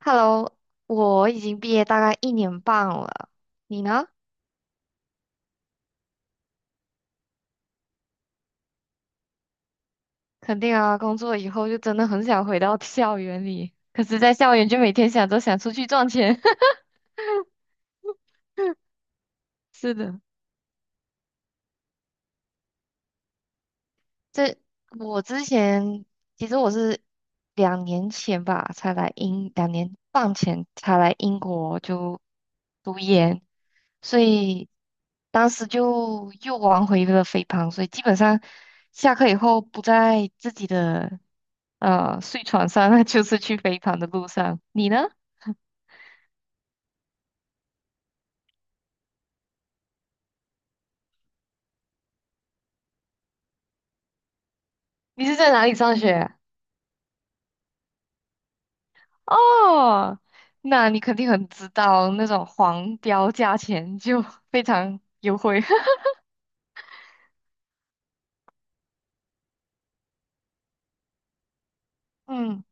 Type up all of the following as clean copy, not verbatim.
Hello，我已经毕业大概1年半了，你呢？肯定啊，工作以后就真的很想回到校园里，可是，在校园就每天想着想出去赚钱。是的，这我之前其实我是2年前吧，才来英，2年半前才来英国就读研，所以当时就又玩回了肥胖，所以基本上下课以后不在自己的。睡床上 那就是去飞盘的路上。你呢？你是在哪里上学？哦，那你肯定很知道那种黄标价钱就 非常优惠。嗯，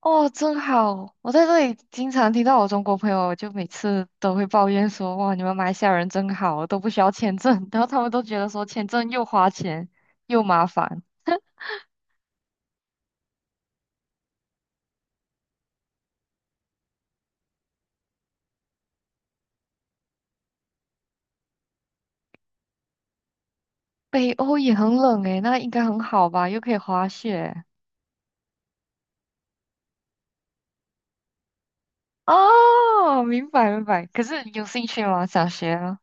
哦，真好！我在这里经常听到我中国朋友，就每次都会抱怨说："哇，你们马来西亚人真好，都不需要签证。然后他们都觉得说签证又花钱又麻烦。北欧也很冷诶，那应该很好吧？又可以滑雪。哦，明白明白。可是有兴趣吗？想学啊？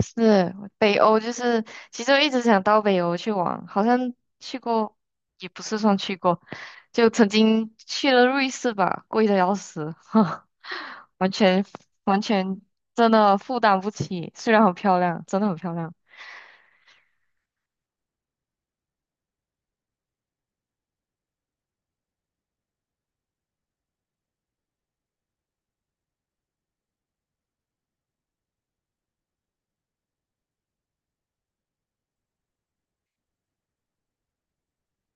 是北欧，就是其实我一直想到北欧去玩，好像去过，也不是算去过，就曾经去了瑞士吧，贵的要死，完全完全真的负担不起。虽然很漂亮，真的很漂亮。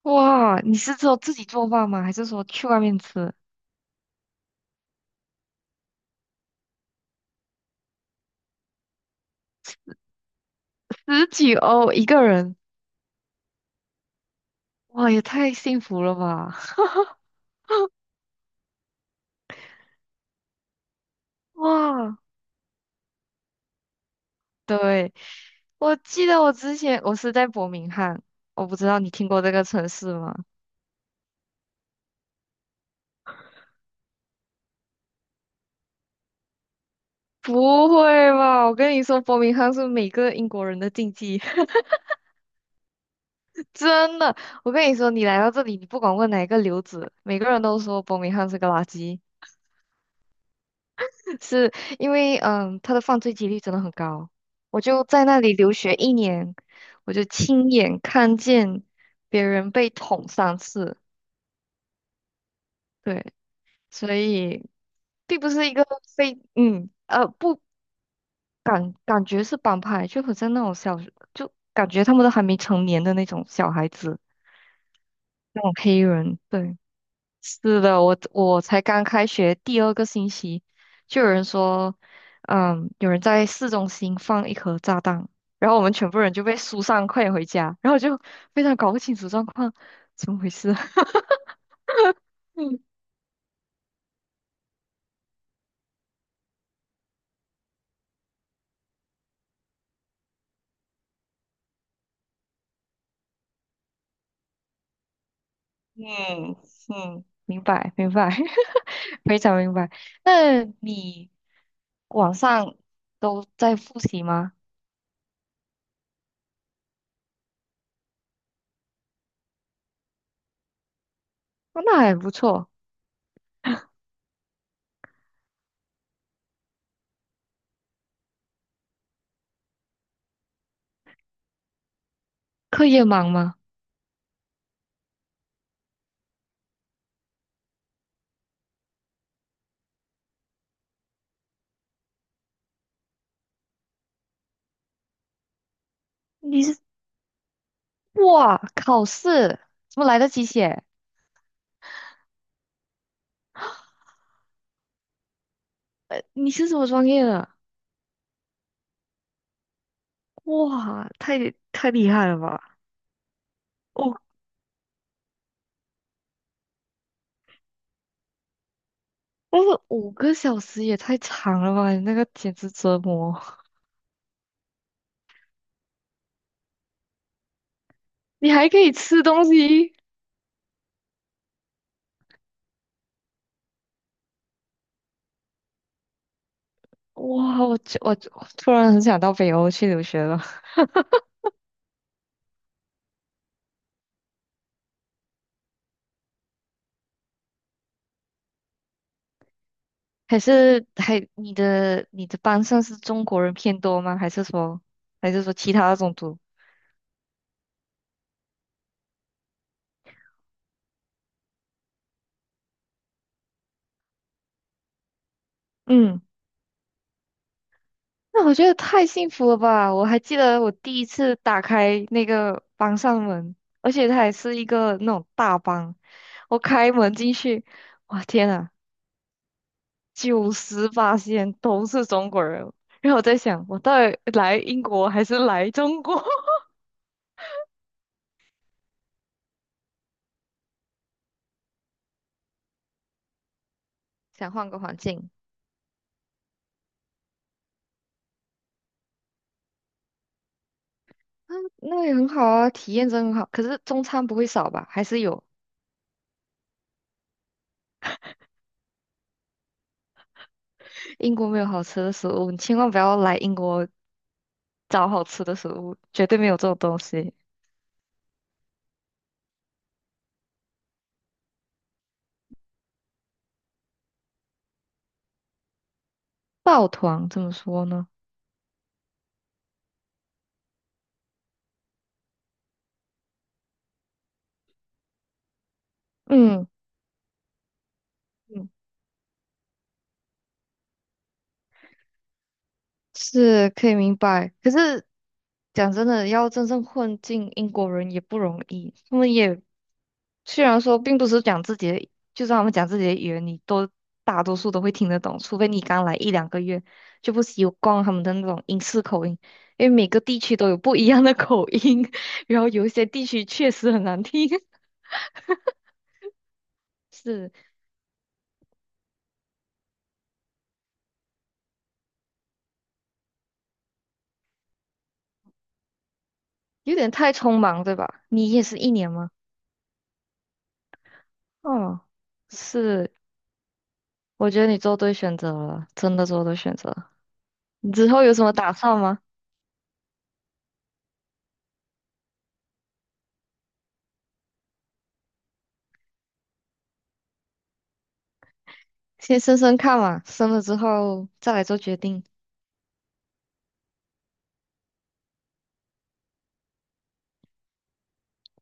哇，你是只有自己做饭吗？还是说去外面吃？十几欧一个人，哇，也太幸福了吧！哇，对，我记得我之前我是在伯明翰，我不知道你听过这个城市吗？不会吧！我跟你说，伯明翰是每个英国人的禁忌，真的。我跟你说，你来到这里，你不管问哪一个留子，每个人都说伯明翰是个垃圾，是因为他的犯罪几率真的很高。我就在那里留学一年，我就亲眼看见别人被捅3次。对。所以并不是一个非嗯呃不感感觉是帮派，就好像那种小，就感觉他们都还没成年的那种小孩子，那种黑人。对，是的，我才刚开学第二个星期，就有人说，有人在市中心放一颗炸弹，然后我们全部人就被疏散，快点回家，然后就非常搞不清楚状况，怎么回事？嗯。嗯嗯，明白明白，非常明白。那你晚上都在复习吗？哦那还不错。课业忙吗？你是哇，考试怎么来得及写？呃，你是什么专业的？哇，太厉害了吧！哦，但是5个小时也太长了吧？你那个简直折磨。你还可以吃东西？哇，我突然很想到北欧去留学了。还是还你的班上是中国人偏多吗？还是说其他的种族？嗯，那我觉得太幸福了吧！我还记得我第一次打开那个班上门，而且它还是一个那种大班，我开门进去，哇天啊，98仙都是中国人，然后我在想，我到底来英国还是来中国？想换个环境。嗯，那也很好啊，体验真很好。可是中餐不会少吧？还是有。英国没有好吃的食物，你千万不要来英国找好吃的食物，绝对没有这种东西。抱团怎么说呢？嗯嗯，是可以明白。可是讲真的，要真正混进英国人也不容易。他们也虽然说并不是讲自己的，就算他们讲自己的语言，你都大多数都会听得懂，除非你刚来一两个月就不习惯他们的那种英式口音，因为每个地区都有不一样的口音，然后有一些地区确实很难听。是。有点太匆忙，对吧？你也是一年吗？哦，是，我觉得你做对选择了，真的做对选择。你之后有什么打算吗？先升升看嘛，升了之后再来做决定。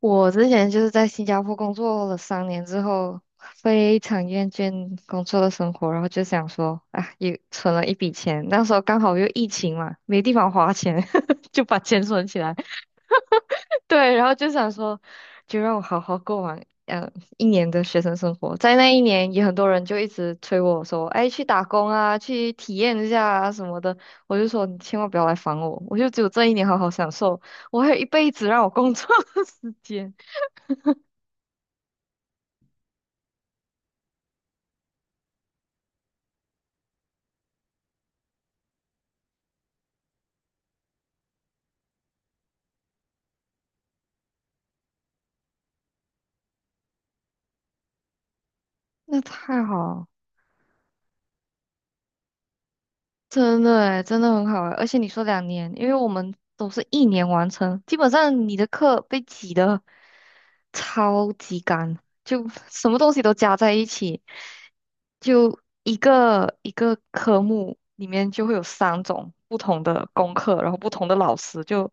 我之前就是在新加坡工作了3年之后，非常厌倦工作的生活，然后就想说，啊，也存了一笔钱，那时候刚好又疫情嘛，没地方花钱，就把钱存起来，对，然后就想说，就让我好好过完一年的学生生活。在那一年，也很多人就一直催我说，哎，去打工啊，去体验一下啊什么的。我就说，你千万不要来烦我，我就只有这一年好好享受，我还有一辈子让我工作的 时间。那太好，真的诶，真的很好诶。而且你说两年，因为我们都是一年完成，基本上你的课被挤的。超级干，就什么东西都加在一起，就一个一个科目里面就会有3种不同的功课，然后不同的老师，就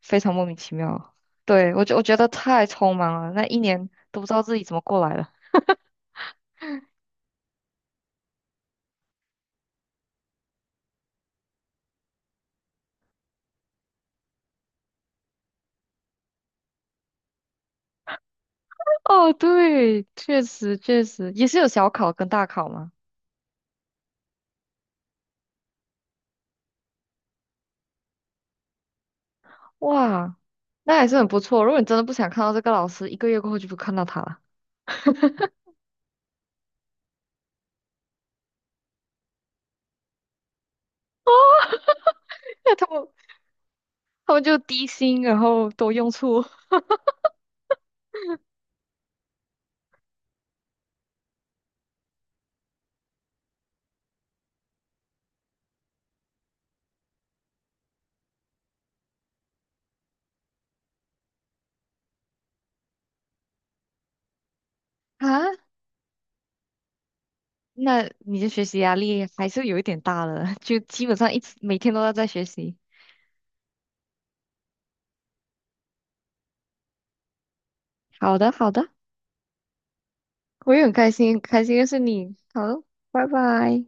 非常莫名其妙。对，我觉得太匆忙了，那一年都不知道自己怎么过来的。哦，对，确实确实也是有小考跟大考嘛。哇，那还是很不错。如果你真的不想看到这个老师，一个月过后就不看到他了，那他们就低薪，然后多用处。啊，那你的学习压力还是有一点大了，就基本上一直每天都要在学习。好的，好的，我也很开心，开心认识你。好，拜拜。